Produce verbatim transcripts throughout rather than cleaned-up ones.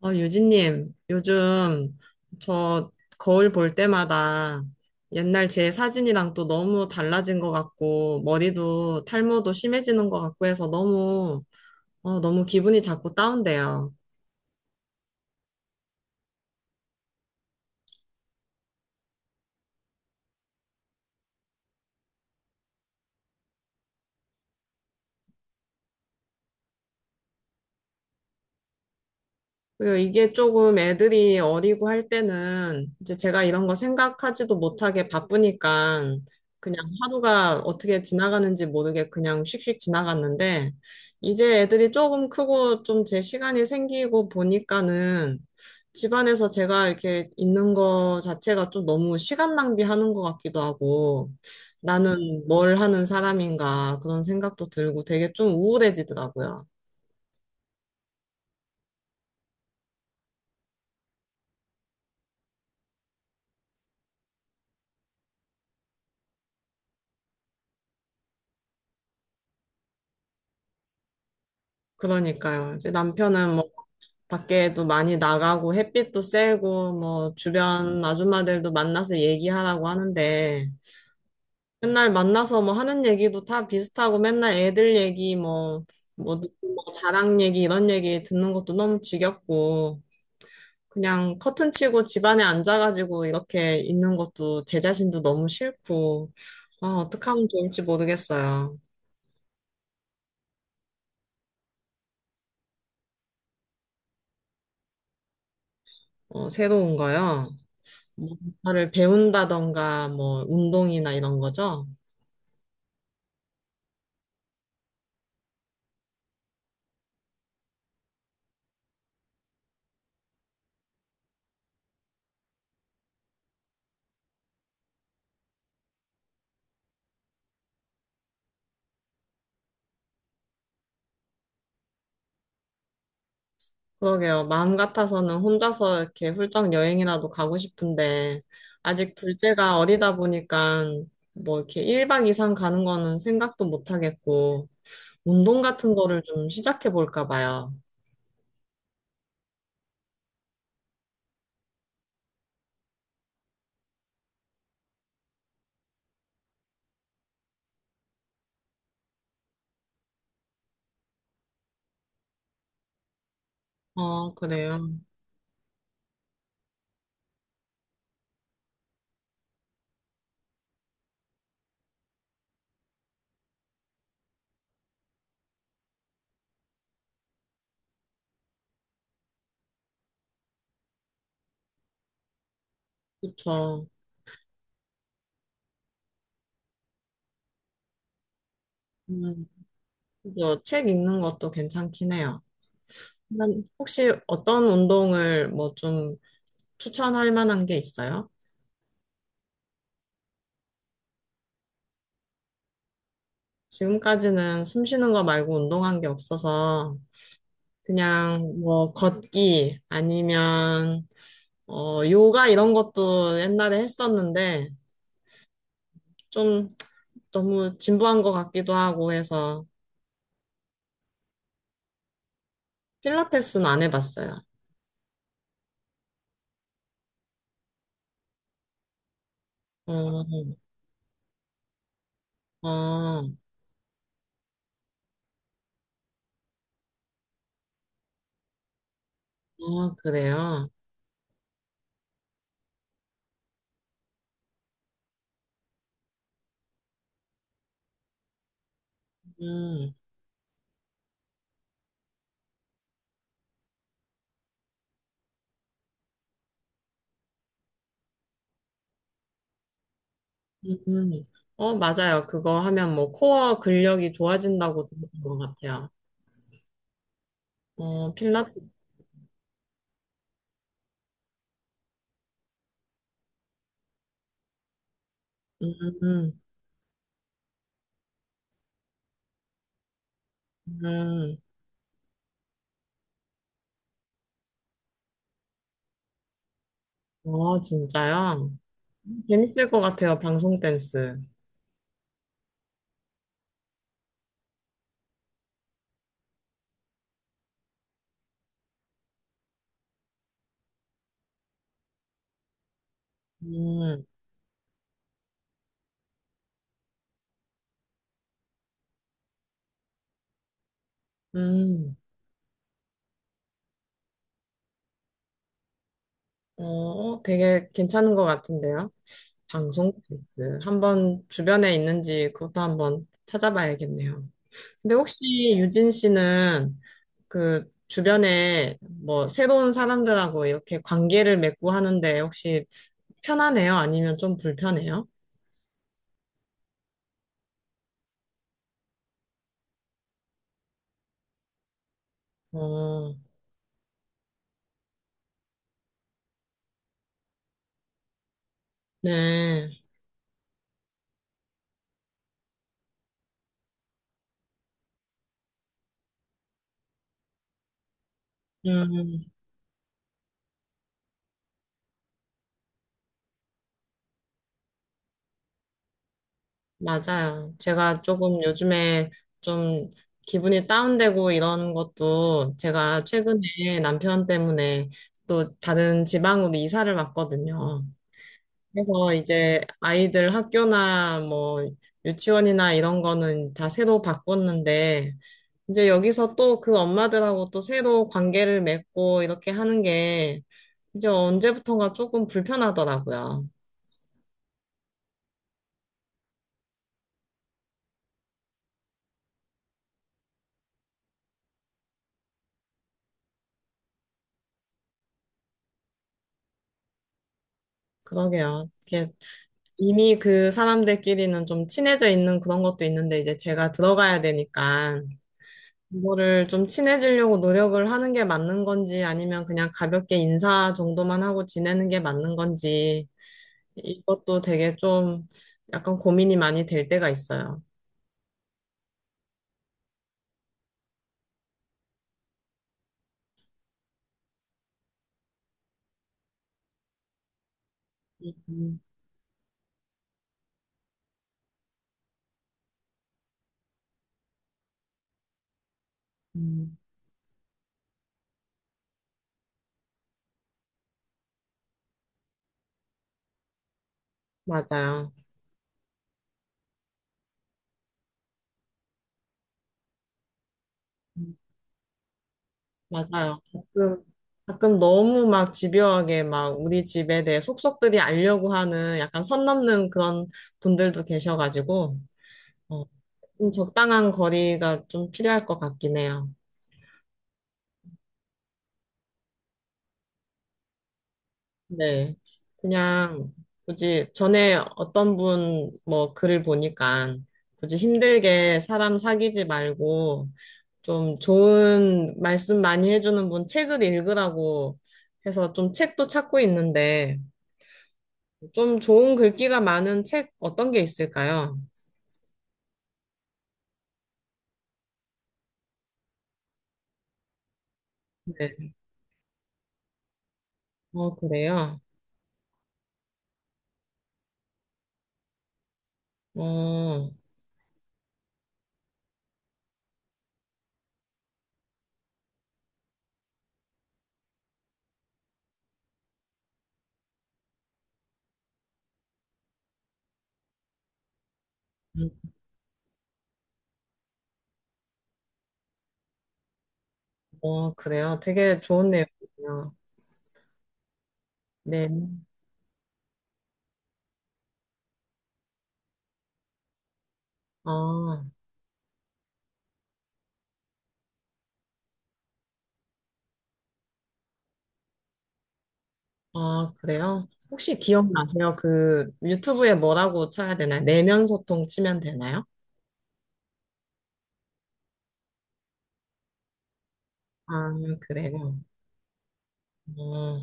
어, 유진님, 요즘 저 거울 볼 때마다 옛날 제 사진이랑 또 너무 달라진 것 같고, 머리도 탈모도 심해지는 것 같고 해서 너무, 어, 너무 기분이 자꾸 다운돼요. 그리고 이게 조금 애들이 어리고 할 때는 이제 제가 이런 거 생각하지도 못하게 바쁘니까 그냥 하루가 어떻게 지나가는지 모르게 그냥 씩씩 지나갔는데 이제 애들이 조금 크고 좀 제 시간이 생기고 보니까는 집안에서 제가 이렇게 있는 거 자체가 좀 너무 시간 낭비하는 것 같기도 하고 나는 뭘 하는 사람인가 그런 생각도 들고 되게 좀 우울해지더라고요. 그러니까요. 이제 남편은 뭐 밖에도 많이 나가고 햇빛도 쐬고 뭐 주변 아줌마들도 만나서 얘기하라고 하는데 맨날 만나서 뭐 하는 얘기도 다 비슷하고 맨날 애들 얘기 뭐 뭐 누구 뭐 자랑 얘기 이런 얘기 듣는 것도 너무 지겹고 그냥 커튼 치고 집안에 앉아가지고 이렇게 있는 것도 제 자신도 너무 싫고 아, 어떻게 하면 좋을지 모르겠어요. 어, 새로운 거요. 뭔가를 배운다던가 뭐 운동이나 이런 거죠. 그러게요. 마음 같아서는 혼자서 이렇게 훌쩍 여행이라도 가고 싶은데, 아직 둘째가 어리다 보니까, 뭐 이렇게 일 박 이상 가는 거는 생각도 못 하겠고, 운동 같은 거를 좀 시작해 볼까 봐요. 어, 그래요. 그쵸. 음, 그죠. 책 읽는 것도 괜찮긴 해요. 그럼 혹시 어떤 운동을 뭐 좀 추천할 만한 게 있어요? 지금까지는 숨 쉬는 거 말고 운동한 게 없어서, 그냥 뭐 걷기 아니면 어 요가 이런 것도 옛날에 했었는데 좀 너무 진부한 것 같기도 하고 해서 필라테스는 안 해봤어요. 어, 어, 어, 그래요. 음, 음, 음. 어, 맞아요. 그거 하면 뭐 코어 근력이 좋아진다고 들은 것 같아요. 어, 필라테스, 음, 음, 음. 어, 진짜요? 재밌을 것 같아요, 방송 댄스. 음, 음. 어, 되게 괜찮은 것 같은데요. 방송 댄스. 한번 주변에 있는지 그것도 한번 찾아봐야겠네요. 근데 혹시 유진 씨는 그 주변에 뭐 새로운 사람들하고 이렇게 관계를 맺고 하는데 혹시 편하네요? 아니면 좀 불편해요? 어, 네. 음, 맞아요. 제가 조금 요즘에 좀 기분이 다운되고 이런 것도 제가 최근에 남편 때문에 또 다른 지방으로 이사를 왔거든요. 그래서 이제 아이들 학교나 뭐 유치원이나 이런 거는 다 새로 바꿨는데 이제 여기서 또 그 엄마들하고 또 새로 관계를 맺고 이렇게 하는 게 이제 언제부턴가 조금 불편하더라고요. 그러게요. 이게 이미 그 사람들끼리는 좀 친해져 있는 그런 것도 있는데 이제 제가 들어가야 되니까 이거를 좀 친해지려고 노력을 하는 게 맞는 건지 아니면 그냥 가볍게 인사 정도만 하고 지내는 게 맞는 건지 이것도 되게 좀 약간 고민이 많이 될 때가 있어요. 음, 음, 맞아요. 음, 맞아요. 가끔, 가끔 너무 막 집요하게 막 우리 집에 대해 속속들이 알려고 하는 약간 선 넘는 그런 분들도 계셔가지고, 어, 좀 적당한 거리가 좀 필요할 것 같긴 해요. 네. 그냥 굳이 전에 어떤 분 뭐 글을 보니까 굳이 힘들게 사람 사귀지 말고 좀 좋은 말씀 많이 해주는 분 책을 읽으라고 해서 좀 책도 찾고 있는데 좀 좋은 글귀가 많은 책 어떤 게 있을까요? 네. 어, 그래요? 어, 음, 어, 그래요? 되게 좋은 내용이네요. 네. 어. 아, 그래요? 혹시 기억나세요? 그 유튜브에 뭐라고 쳐야 되나요? 내면 소통 치면 되나요? 아, 그래요. 어,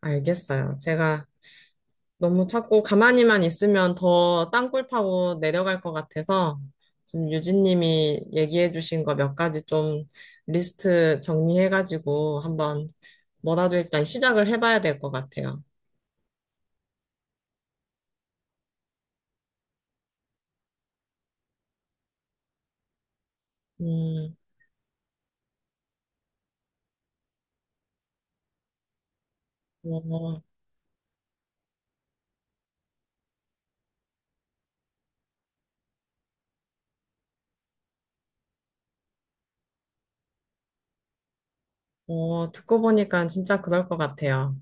알겠어요. 제가 너무 자꾸 가만히만 있으면 더 땅굴 파고 내려갈 것 같아서 지금 유진님이 얘기해 주신 거 몇 가지 좀 리스트 정리해가지고 한번 뭐라도 일단 시작을 해봐야 될 것 같아요. 음, 어, 어, 듣고 보니까 진짜 그럴 것 같아요.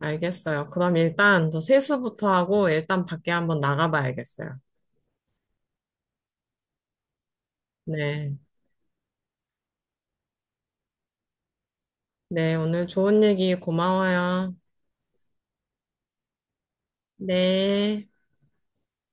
알겠어요. 그럼 일단 저 세수부터 하고 일단 밖에 한번 나가봐야겠어요. 네. 네, 오늘 좋은 얘기 고마워요. 네.